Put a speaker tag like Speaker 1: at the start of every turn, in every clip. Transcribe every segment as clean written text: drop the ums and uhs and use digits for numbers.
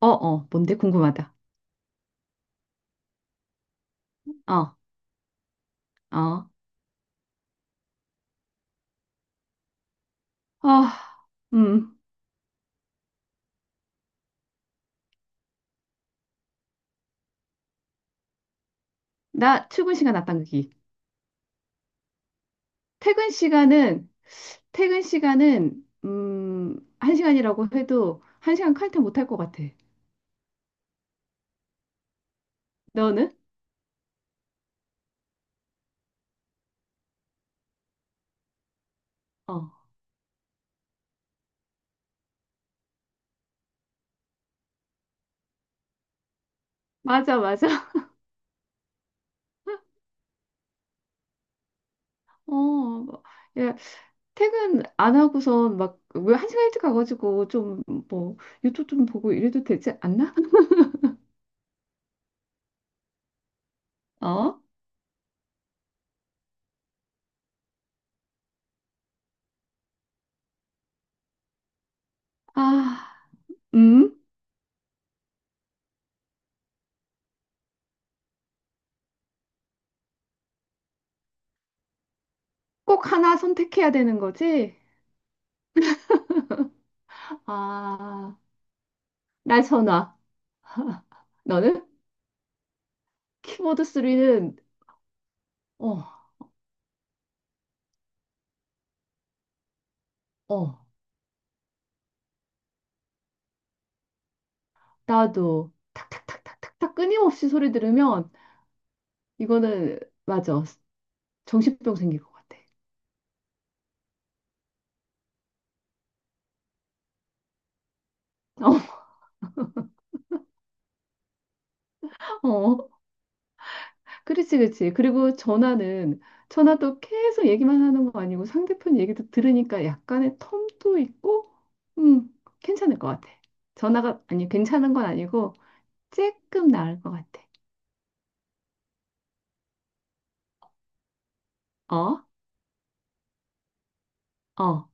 Speaker 1: 어, 어, 뭔데? 궁금하다. 어, 어, 아, 음, 나 출근 시간 앞당기기. 퇴근 시간은, 퇴근 시간은, 한 시간이라고 해도 한 시간 칼퇴 못 할 것 같아. 너는? 어, 맞아, 맞아. 어, 뭐, 야, 퇴근 안 하고선 막, 왜 한 시간 일찍 가가지고 좀, 뭐, 유튜브 좀 보고 이래도 되지 않나? 어? 아, 음? 꼭 하나 선택해야 되는 거지? 아, 나 전화. 나는 키보드 소리는, 어, 어, 나도 탁탁탁탁탁탁 끊임없이 소리 들으면 이거는, 맞아, 정신병 생길 것 같아. 어, 어, 그렇지, 그렇지. 그리고 전화는, 전화도 계속 얘기만 하는 거 아니고 상대편 얘기도 들으니까 약간의 텀도 있고, 음, 괜찮을 것 같아. 전화가, 아니, 괜찮은 건 아니고 조금 나을 것 같아. 어, 어,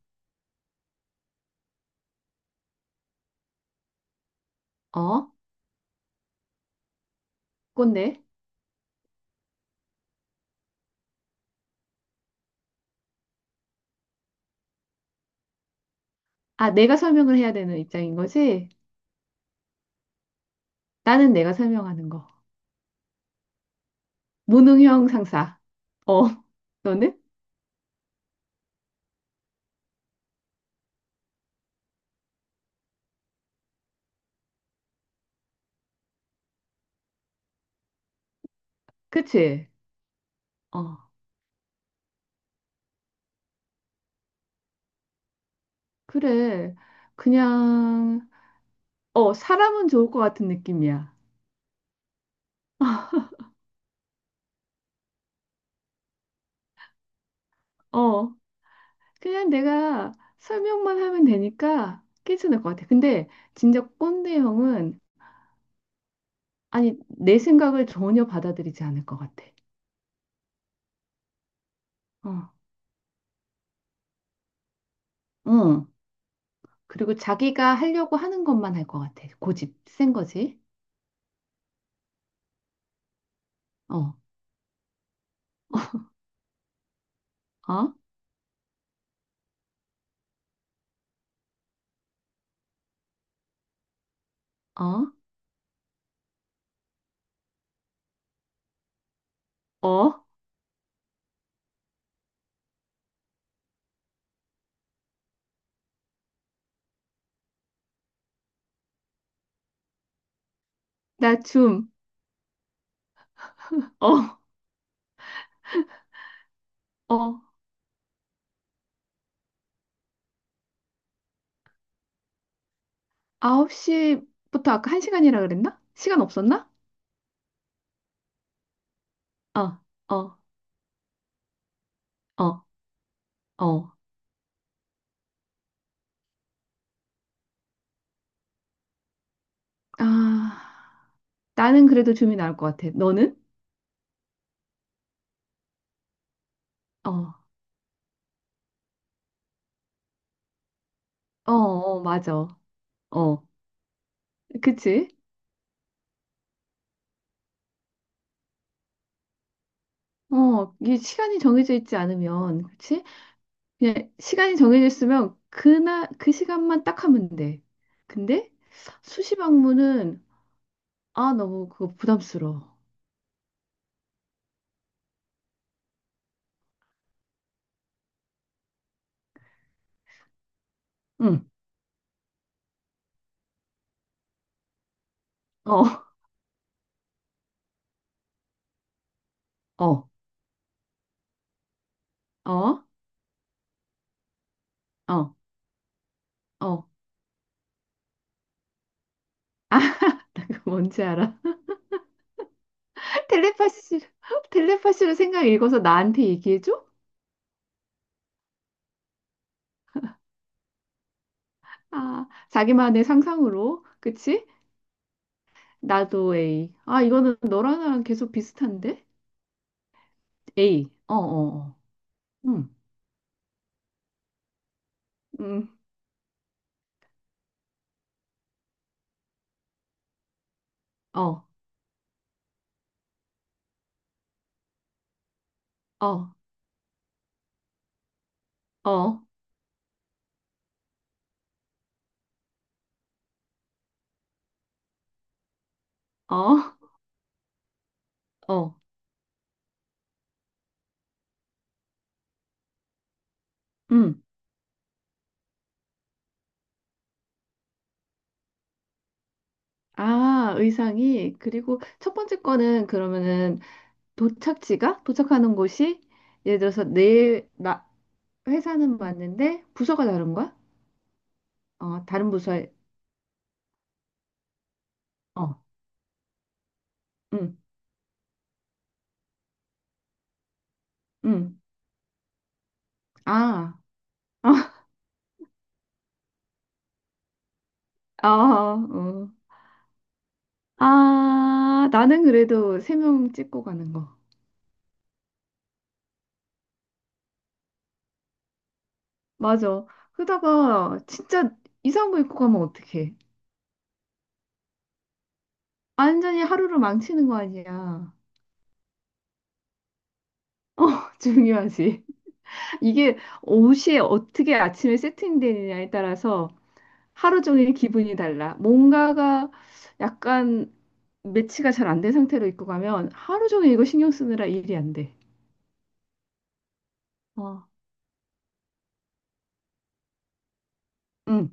Speaker 1: 어, 꼰대. 아, 내가 설명을 해야 되는 입장인 거지? 나는 내가 설명하는 거. 무능형 상사. 어, 너는? 그치? 어, 그래. 그냥, 어, 사람은 좋을 것 같은 느낌이야. 어, 그냥 내가 설명만 하면 되니까 괜찮을 것 같아. 근데 진짜 꼰대 형은, 아니, 내 생각을 전혀 받아들이지 않을 것 같아. 어, 응. 그리고 자기가 하려고 하는 것만 할 것 같아. 고집 센 거지? 어, 어, 어, 어, 나 춤. 어, 어. 9시부터 아까 1시간이라 그랬나? 시간 없었나? 어, 어, 어, 어. 아, 나는 그래도 줌이 나을 것 같아. 너는? 어, 어, 어, 맞아. 어, 그치? 어, 이게 시간이 정해져 있지 않으면, 그치? 그냥 시간이 정해져 있으면 그날, 그 시간만 딱 하면 돼. 근데 수시 방문은, 아, 너무 그거 부담스러워. 응, 어, 어, 어, 어, 어. 이거 뭔지 알아? 텔레파시, 텔레파시로 생각 읽어서 나한테 얘기해줘? 아, 자기만의 상상으로. 그치? 나도 A. 아, 이거는 너랑 나랑 계속 비슷한데? A. 어, 어, 어. 음, 음, 어, 어, 어, 어, 어, 음. 아, 의상이. 그리고 첫 번째 거는 그러면은 도착지가? 도착하는 곳이 예를 들어서 나, 회사는 맞는데 부서가 다른 거야? 어, 다른 부서에, 어, 음, 음. 아. 아, 어. 아, 나는 그래도 세 명 찍고 가는 거. 맞아. 그러다가 진짜 이상한 거 입고 가면 어떡해. 완전히 하루를 망치는 거 아니야. 어, 중요하지. 이게 옷이 어떻게 아침에 세팅되느냐에 따라서 하루 종일 기분이 달라. 뭔가가 약간 매치가 잘 안 된 상태로 입고 가면 하루 종일 이거 신경 쓰느라 일이 안 돼. 어, 응,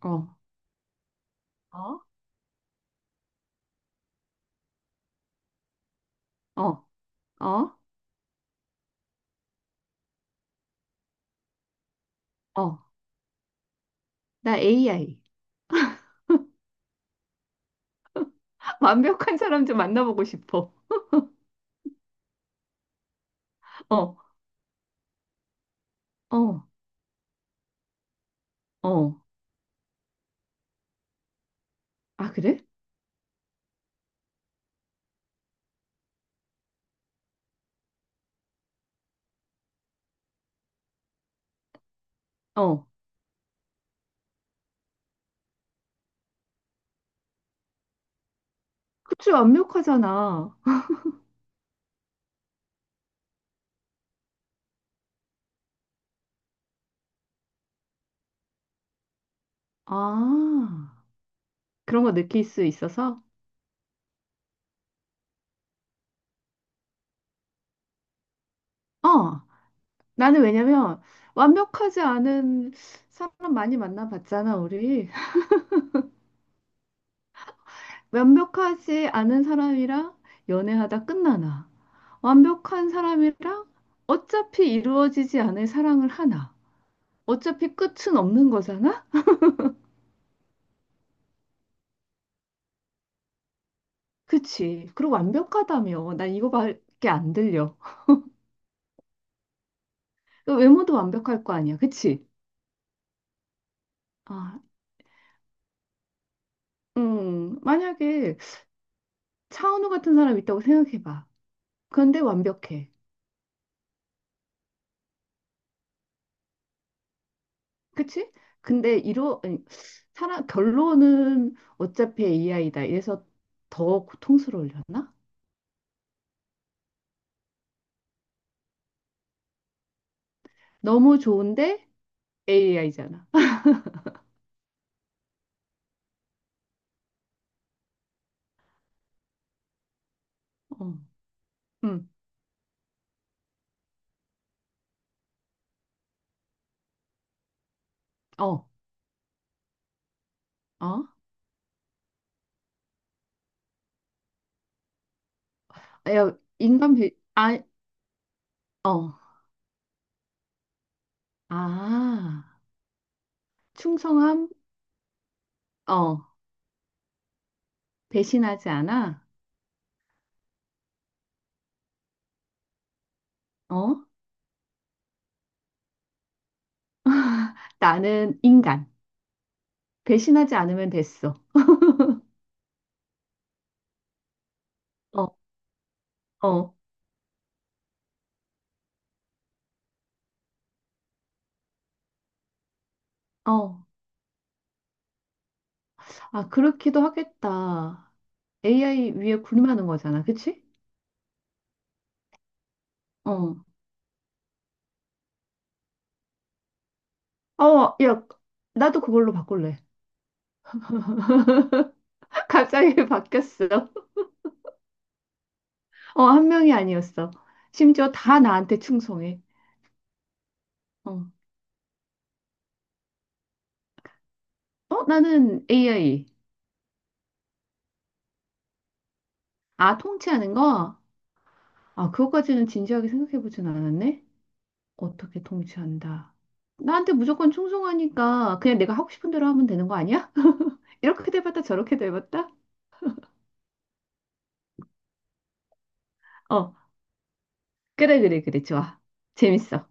Speaker 1: 어, 어, 어, 어, 어. 나 AI. 완벽한 사람 좀 만나보고 싶어. 어, 어, 어. 아, 그래? 어. 그치, 완벽하잖아. 아, 그런 거 느낄 수 있어서? 어. 나는 왜냐면, 완벽하지 않은 사람 많이 만나봤잖아, 우리. 완벽하지 않은 사람이랑 연애하다 끝나나. 완벽한 사람이랑 어차피 이루어지지 않을 사랑을 하나. 어차피 끝은 없는 거잖아? 그치. 그리고 완벽하다며. 난 이거밖에 안 들려. 그 외모도 완벽할 거 아니야, 그치? 아, 만약에 차은우 같은 사람 있다고 생각해봐. 그런데 완벽해, 그치? 근데 이러, 아니, 사람, 결론은 어차피 AI다. 이래서 더 고통스러울려나. 너무 좋은데 AI잖아. 어, 음, 어, 어? 야, 아, 어, 아, 충성함, 어, 배신하지 않아, 어? 나는 인간. 배신하지 않으면 됐어. 어, 어, 어. 아, 그렇기도 하겠다. AI 위에 군림하는 거잖아, 그치? 어. 어, 야, 나도 그걸로 바꿀래. 갑자기 바뀌었어. 어, 한 명이 아니었어. 심지어 다 나한테 충성해. 어, 어, 나는 AI. 아, 통치하는 거? 아, 그것까지는 진지하게 생각해보진 않았네. 어떻게 통치한다. 나한테 무조건 충성하니까 그냥 내가 하고 싶은 대로 하면 되는 거 아니야? 이렇게 돼봤다 저렇게 돼봤다? 어, 그래, 그래, 그래. 좋아. 재밌어.